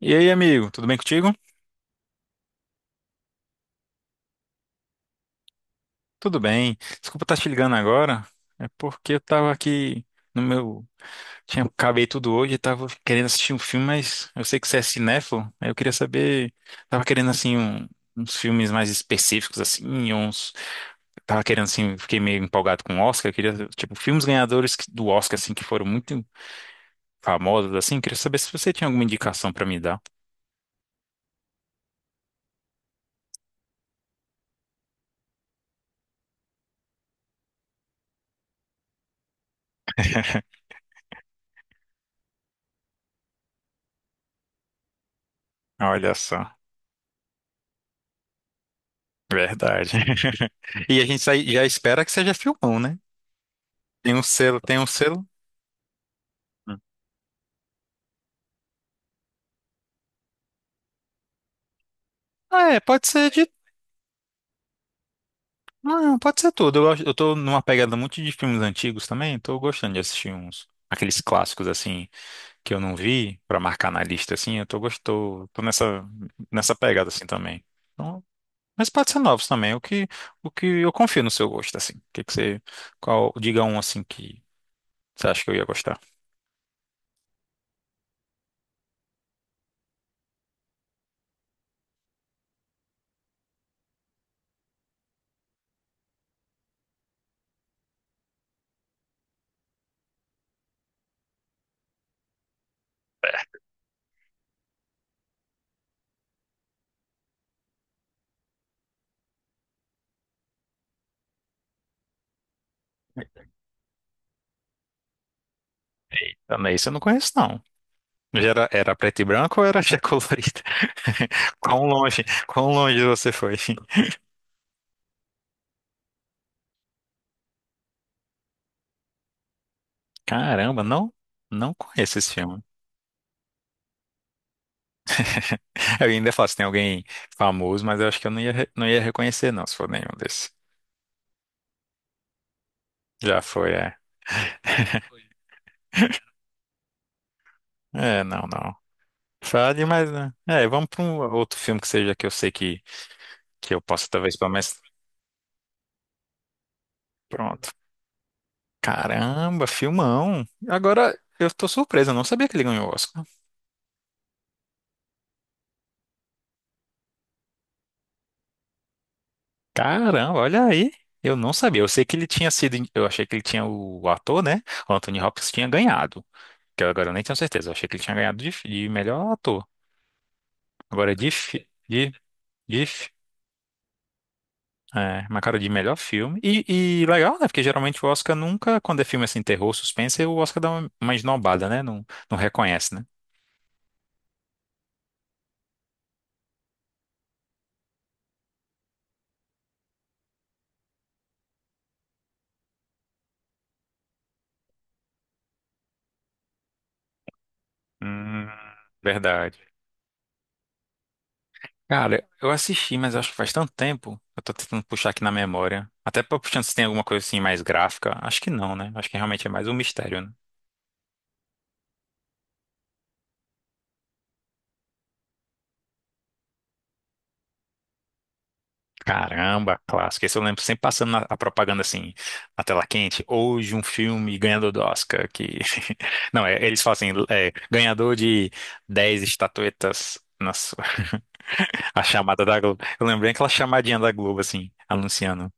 E aí, amigo, tudo bem contigo? Tudo bem. Desculpa estar te ligando agora. É porque eu tava aqui no meu. Tinha... Acabei tudo hoje e tava querendo assistir um filme, mas eu sei que você é cinéfilo. Aí eu queria saber. Tava querendo, assim, uns filmes mais específicos, assim, uns. Tava querendo, assim, fiquei meio empolgado com o Oscar. Eu queria, tipo, filmes ganhadores do Oscar, assim, que foram muito famosos, assim. Eu queria saber se você tinha alguma indicação pra me dar. Olha só. Verdade. E a gente já espera que seja filmão, né? Tem um selo, tem um selo. Hum. Ah, é, pode ser de. Não, pode ser tudo. Eu eu tô numa pegada muito de filmes antigos também, tô gostando de assistir uns. Aqueles clássicos, assim, que eu não vi, pra marcar na lista, assim, eu tô gostou, tô nessa pegada, assim, também. Então, mas pode ser novos também, o que eu confio no seu gosto, assim. O que que você, qual, diga um, assim, que você acha que eu ia gostar? Também isso eu não conheço, não. Já era, era preto e branco ou era já colorido? Quão longe você foi? Caramba, não, não conheço esse filme. Eu ainda falo se tem alguém famoso, mas eu acho que eu não ia, não ia reconhecer, não, se for nenhum desses. Já foi, é. É, não, não. Frade, mas né? É, vamos para um outro filme que seja que eu sei que eu posso talvez para mais. Pronto. Caramba, filmão. Agora eu tô surpreso, eu não sabia que ele ganhou o Oscar. Caramba, olha aí. Eu não sabia. Eu sei que ele tinha sido, eu achei que ele tinha o ator, né? O Anthony Hopkins tinha ganhado. Que eu agora nem tenho certeza. Eu achei que ele tinha ganhado de melhor ator. Agora de, fi- de é, uma cara de melhor filme. E legal, né? Porque geralmente o Oscar nunca, quando é filme assim, terror, suspense, o Oscar dá uma esnobada, né? Não, não reconhece, né? Hum, verdade. Cara, eu assisti, mas acho que faz tanto tempo. Eu tô tentando puxar aqui na memória. Até pra puxando se tem alguma coisa assim mais gráfica. Acho que não, né? Acho que realmente é mais um mistério, né? Caramba, clássico. Esse eu lembro sempre passando a propaganda assim, na tela quente. Hoje um filme ganhador do Oscar que... Não, é, eles falam assim, é, ganhador de 10 estatuetas na sua... a chamada da Globo. Eu lembrei aquela chamadinha da Globo assim, anunciando.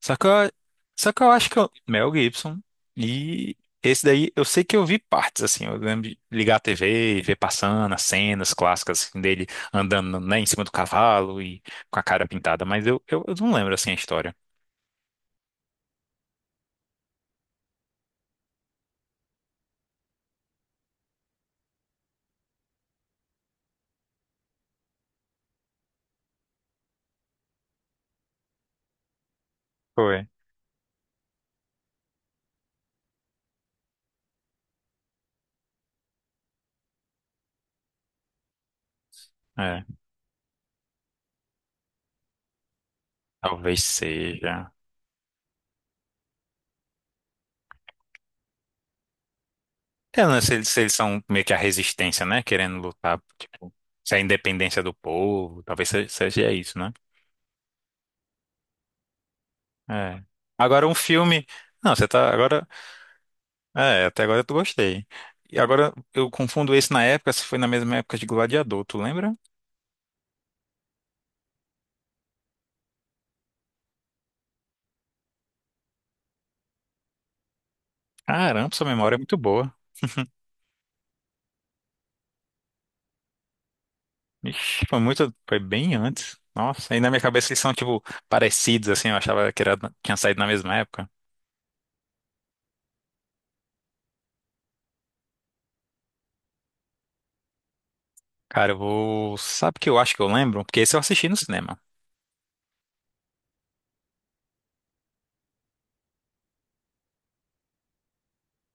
Só que eu, só que eu acho que eu, Mel Gibson e esse daí eu sei que eu vi partes assim, eu lembro de ligar a TV e ver passando as cenas clássicas assim, dele andando né, em cima do cavalo e com a cara pintada, mas eu não lembro assim a história. Foi. É, talvez seja. Eu não sei se eles são meio que a resistência, né? Querendo lutar. Se é a independência do povo, talvez seja isso, né? É. Agora um filme. Não, você tá. Agora. É, até agora eu tô gostei. E agora eu confundo esse na época, se foi na mesma época de Gladiador, tu lembra? Caramba, sua memória é muito boa. Ixi, foi muito, foi bem antes. Nossa, e na minha cabeça eles são tipo parecidos assim, eu achava que era, tinha saído na mesma época. Cara, eu vou, sabe o que eu acho que eu lembro? Porque esse eu assisti no cinema.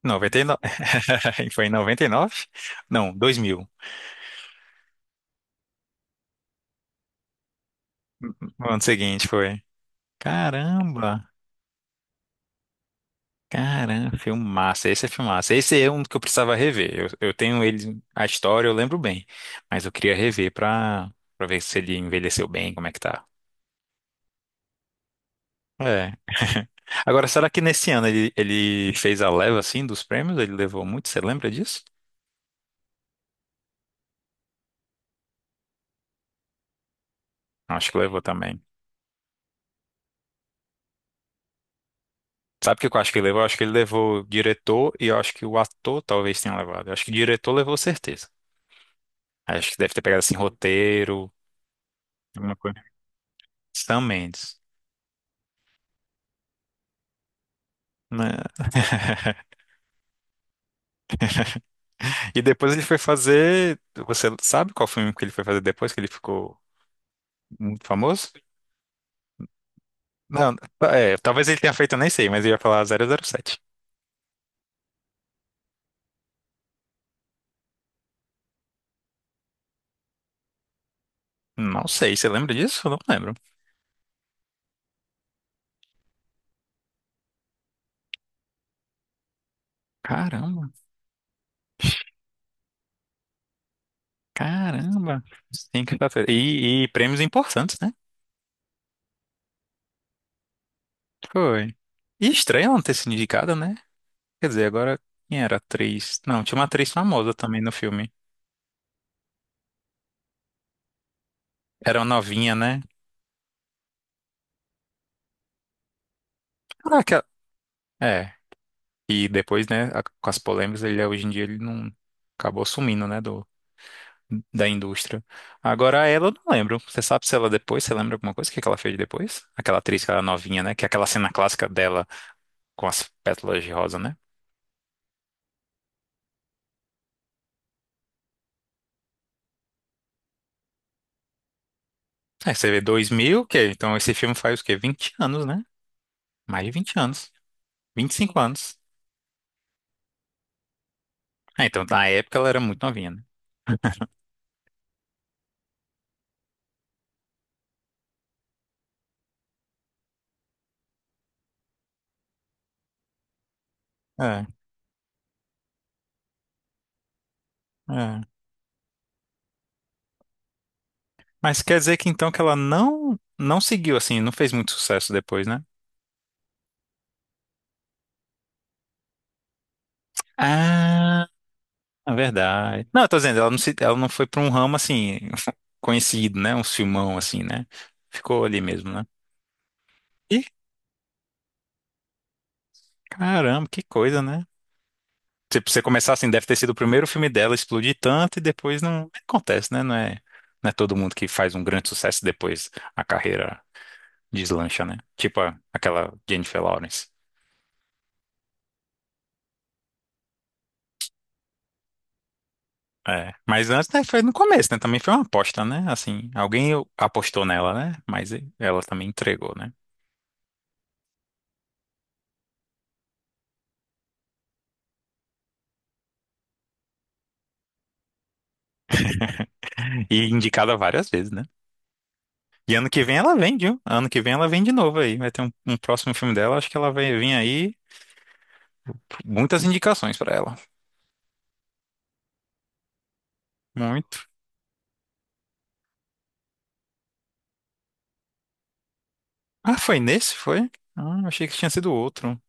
99. Foi em 99? Não, 2000. No ano seguinte foi. Caramba. Caramba, filmaço. Esse é filmaço. Esse é um que eu precisava rever. Eu tenho ele, a história eu lembro bem, mas eu queria rever pra ver se ele envelheceu bem, como é que tá. É. Agora, será que nesse ano ele fez a leva assim dos prêmios? Ele levou muito? Você lembra disso? Acho que levou também. Sabe o que eu acho que ele levou? Eu acho que ele levou o diretor e eu acho que o ator talvez tenha levado. Eu acho que o diretor levou certeza. Acho que deve ter pegado assim roteiro, alguma coisa. Sam Mendes. Né? E depois ele foi fazer. Você sabe qual filme que ele foi fazer depois que ele ficou muito famoso? Não, é, talvez ele tenha feito, eu nem sei, mas eu ia falar zero zero sete. Não sei, você lembra disso? Eu não lembro. Caramba, caramba. Sim, quinta-feira. E prêmios importantes, né? Foi. E estranho ela não ter sido indicada, né? Quer dizer, agora quem era a atriz? Não, tinha uma atriz famosa também no filme. Era uma novinha, né? Caraca. É. E depois, né, com as polêmicas, ele hoje em dia ele não acabou sumindo, né, do, da indústria. Agora ela eu não lembro. Você sabe se ela depois, você lembra alguma coisa? O que é que ela fez depois? Aquela atriz que era novinha, né? Que é aquela cena clássica dela com as pétalas de rosa, né? É, você vê 2000, o quê? Então esse filme faz o quê? 20 anos, né? Mais de 20 anos. 25 anos. É, então na época ela era muito novinha, né? É, é. Mas quer dizer que então que ela não não seguiu assim, não fez muito sucesso depois, né? Ah, é verdade. Não, eu tô dizendo, ela não se, ela não foi pra um ramo assim conhecido, né? Um filmão assim, né? Ficou ali mesmo, né? E caramba, que coisa, né? Se você começar assim, deve ter sido o primeiro filme dela explodir tanto e depois não acontece, né? Não é, não é todo mundo que faz um grande sucesso e depois a carreira deslancha, né? Tipo aquela Jennifer Lawrence. É, mas antes, né, foi no começo, né? Também foi uma aposta, né? Assim, alguém apostou nela, né? Mas ela também entregou, né? E indicada várias vezes, né? E ano que vem ela vem, viu? Ano que vem ela vem de novo aí. Vai ter um próximo filme dela. Acho que ela vai vir aí. Muitas indicações pra ela. Muito. Ah, foi nesse? Foi? Ah, achei que tinha sido outro.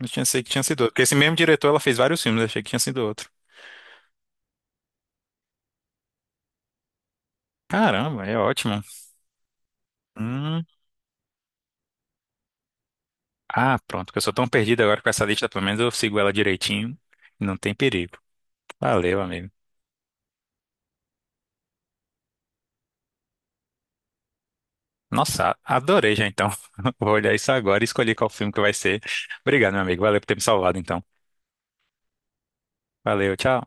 Eu tinha sei que tinha sido outro. Porque esse mesmo diretor ela fez vários filmes. Achei que tinha sido outro. Caramba, é ótimo. Hum. Ah, pronto. Que eu sou tão perdido agora com essa lista. Pelo menos eu sigo ela direitinho. Não tem perigo. Valeu, amigo. Nossa, adorei já então. Vou olhar isso agora e escolher qual filme que vai ser. Obrigado, meu amigo. Valeu por ter me salvado então. Valeu, tchau.